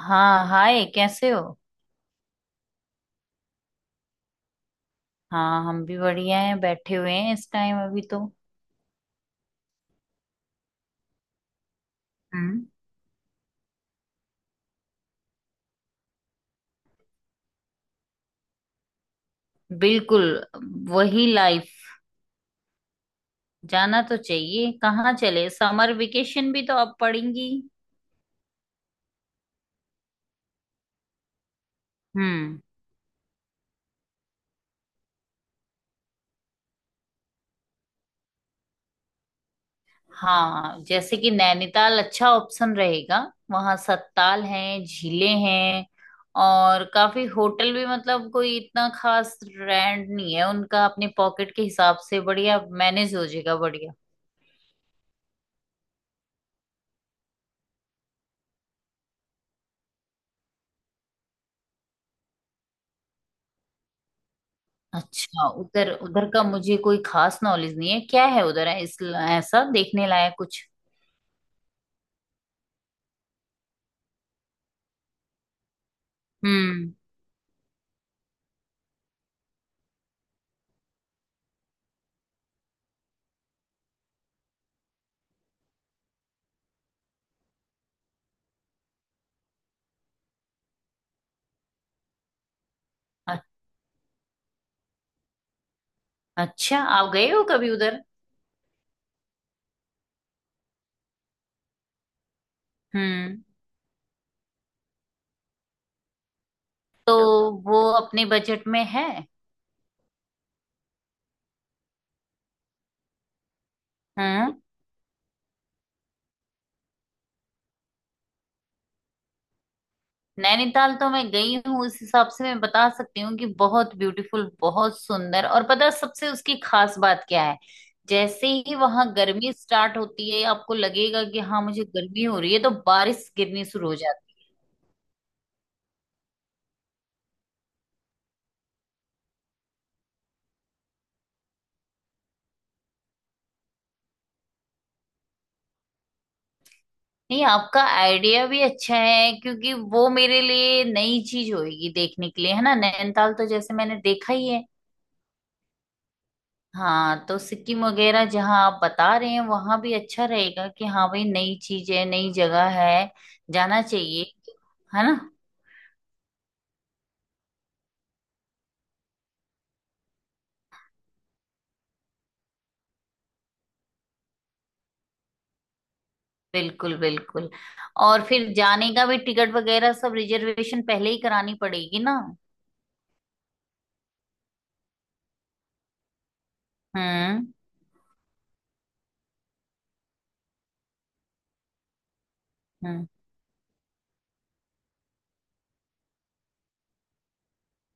हाँ, हाय। कैसे हो? हाँ, हम भी बढ़िया हैं। बैठे हुए हैं इस टाइम अभी तो। हम्म। बिल्कुल। वही लाइफ। जाना तो चाहिए। कहाँ चले समर वेकेशन भी तो अब पड़ेंगी। हम्म। हाँ, जैसे कि नैनीताल अच्छा ऑप्शन रहेगा। वहाँ सत्ताल हैं, झीलें हैं। और काफी होटल भी, मतलब कोई इतना खास रेंट नहीं है उनका। अपने पॉकेट के हिसाब से बढ़िया मैनेज हो जाएगा। अच्छा, उधर उधर का मुझे कोई खास नॉलेज नहीं है। क्या है उधर, है इस, ऐसा देखने लायक कुछ? हम्म। अ- अच्छा, आप गए हो कभी उधर? हम्म। तो वो अपने बजट में है? हम्म। नैनीताल तो मैं गई हूँ, उस हिसाब से मैं बता सकती हूँ कि बहुत ब्यूटीफुल, बहुत सुंदर। और पता है सबसे उसकी खास बात क्या है? जैसे ही वहां गर्मी स्टार्ट होती है, आपको लगेगा कि हाँ मुझे गर्मी हो रही है, तो बारिश गिरनी शुरू हो जाती है। नहीं, आपका आइडिया भी अच्छा है, क्योंकि वो मेरे लिए नई चीज होगी देखने के लिए, है ना। नैनीताल तो जैसे मैंने देखा ही है। हाँ, तो सिक्किम वगैरह जहाँ आप बता रहे हैं वहां भी अच्छा रहेगा, कि हाँ भाई नई चीज है, नई जगह है। जाना चाहिए, है ना। बिल्कुल, बिल्कुल। और फिर जाने का भी टिकट वगैरह सब रिजर्वेशन पहले ही करानी पड़ेगी ना। हम्म हम्म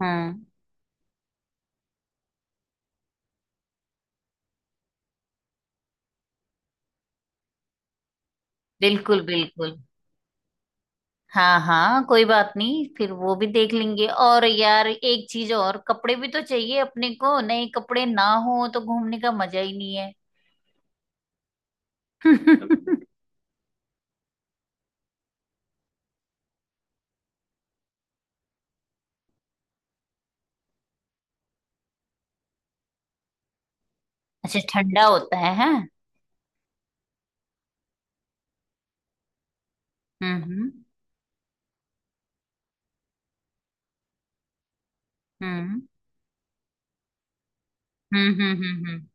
हम्म। बिल्कुल, बिल्कुल। हाँ हाँ, कोई बात नहीं, फिर वो भी देख लेंगे। और यार एक चीज और, कपड़े भी तो चाहिए अपने को। नए कपड़े ना हो तो घूमने का मजा ही नहीं है। अच्छा, ठंडा होता है, हैं। हम्म हम्म हम्म हम्म।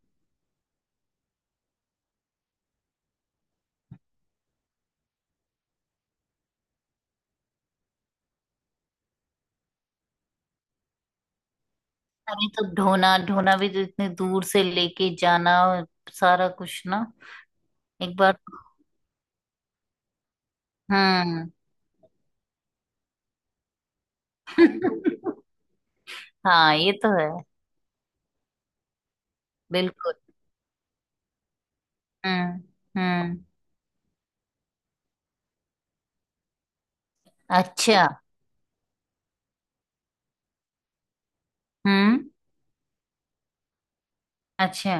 अरे, तो ढोना ढोना भी तो, इतने दूर से लेके जाना सारा कुछ ना। एक बार तो, हम्म। हाँ, ये तो है। बिल्कुल। हम्म। अच्छा। हम्म। अच्छा।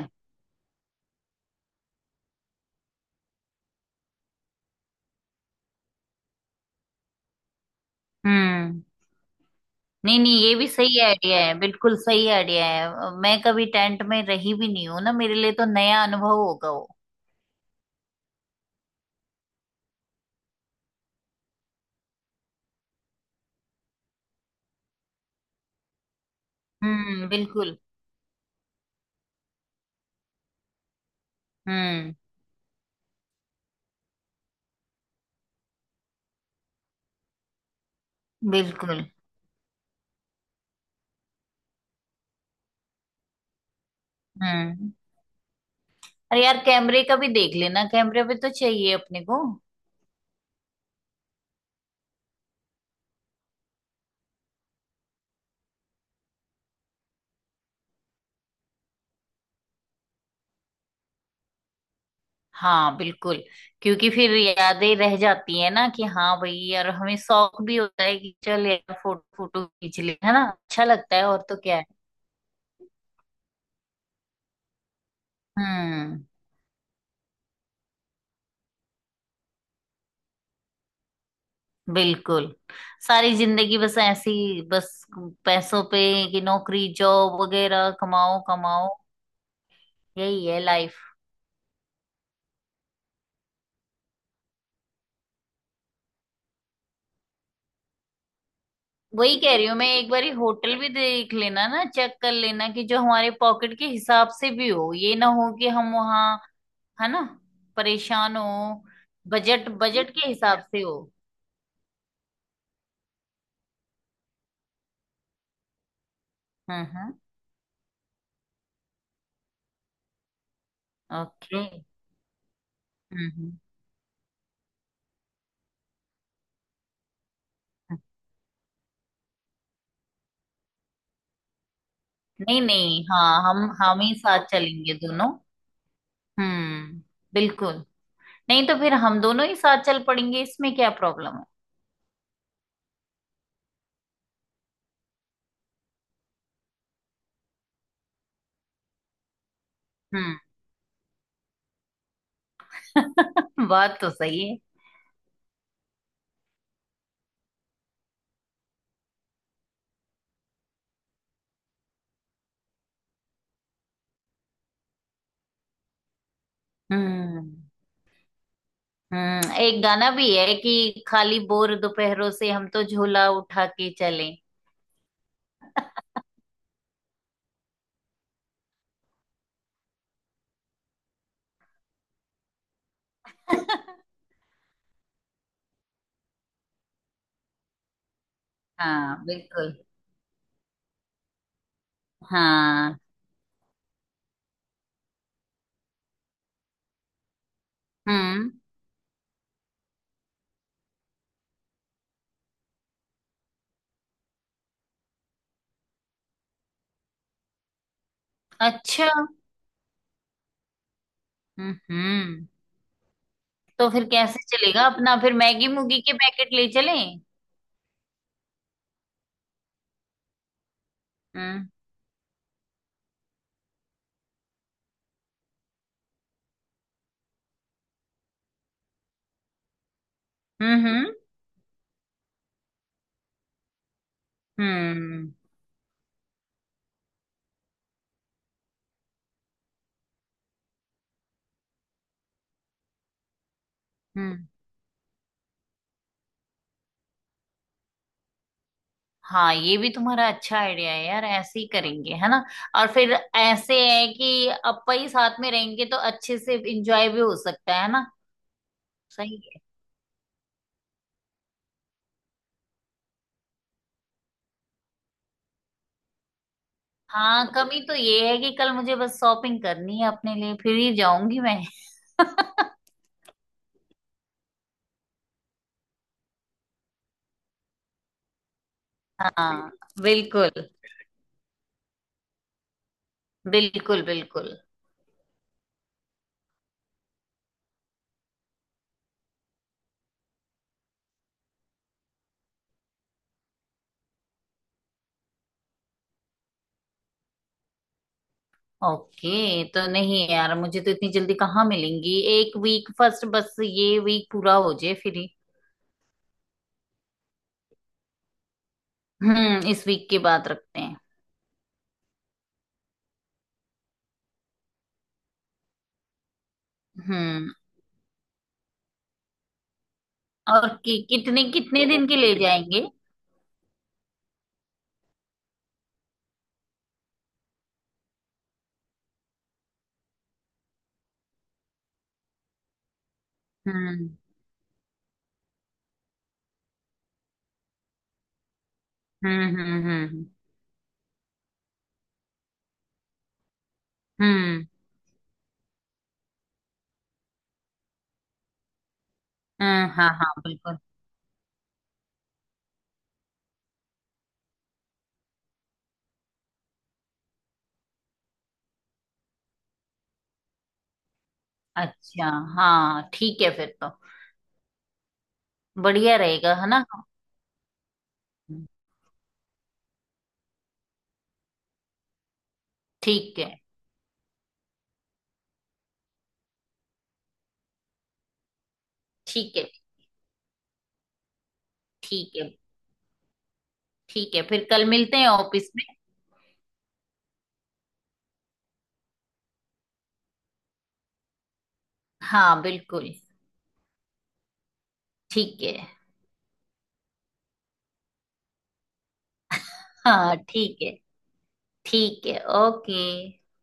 हम्म। नहीं नहीं, ये भी सही आइडिया है, बिल्कुल सही आइडिया है। मैं कभी टेंट में रही भी नहीं हूँ ना, मेरे लिए तो नया अनुभव होगा वो। हम्म। बिल्कुल। हम्म। बिल्कुल। हम्म। अरे यार, कैमरे का भी देख लेना। कैमरे पे तो चाहिए अपने को। हाँ बिल्कुल। क्योंकि फिर यादें रह जाती है ना, कि हाँ भाई यार हमें शौक भी होता है कि चल यार फोटो फोटो खींच ले। है ना, अच्छा लगता है। और तो क्या है? हम्म। बिल्कुल। सारी जिंदगी बस ऐसी। बस, पैसों पे, कि नौकरी जॉब वगैरह कमाओ कमाओ। यही है लाइफ। वही कह रही हूँ मैं, एक बारी होटल भी देख लेना ना, चेक कर लेना, कि जो हमारे पॉकेट के हिसाब से भी हो। ये ना हो कि हम वहाँ, है ना, परेशान हो। बजट, बजट के हिसाब से हो। हम्म। ओके। हम्म हम्म। नहीं नहीं, हाँ, हम ही साथ चलेंगे दोनों। हम्म। बिल्कुल। नहीं तो फिर हम दोनों ही साथ चल पड़ेंगे। इसमें क्या प्रॉब्लम है? हम्म। बात तो सही है। हम्म हम्म, एक गाना भी है कि खाली बोर दोपहरों से हम तो झोला उठा के चलें। हाँ बिल्कुल। हाँ। हम्म। अच्छा। हम्म। तो फिर कैसे चलेगा अपना, फिर मैगी मूगी के पैकेट ले चलें? हम्म हम्म हम्म हम्म। हाँ, ये भी तुम्हारा अच्छा आइडिया है यार। ऐसे ही करेंगे है ना। और फिर ऐसे है कि अपा ही साथ में रहेंगे तो अच्छे से एंजॉय भी हो सकता है ना। सही है। हाँ, कमी तो ये है कि कल मुझे बस शॉपिंग करनी है अपने लिए, फिर ही जाऊंगी मैं। हाँ। बिल्कुल, बिल्कुल। बिल्कुल। ओके, तो नहीं यार, मुझे तो इतनी जल्दी कहाँ मिलेंगी। एक वीक फर्स्ट, बस ये वीक पूरा हो जाए फिर ही। हम्म। इस वीक की बात रखते हैं। हम्म। और कितने कितने दिन के ले जाएंगे? हम्म हम्म। हम्म, हाँ हाँ हाँ, बिल्कुल। अच्छा। हाँ ठीक है फिर तो। बढ़िया रहेगा है ना। हम्म। ठीक है। ठीक है। ठीक है। ठीक है, फिर कल मिलते हैं ऑफिस में। हाँ बिल्कुल। ठीक है। हाँ ठीक है। ठीक है, ओके।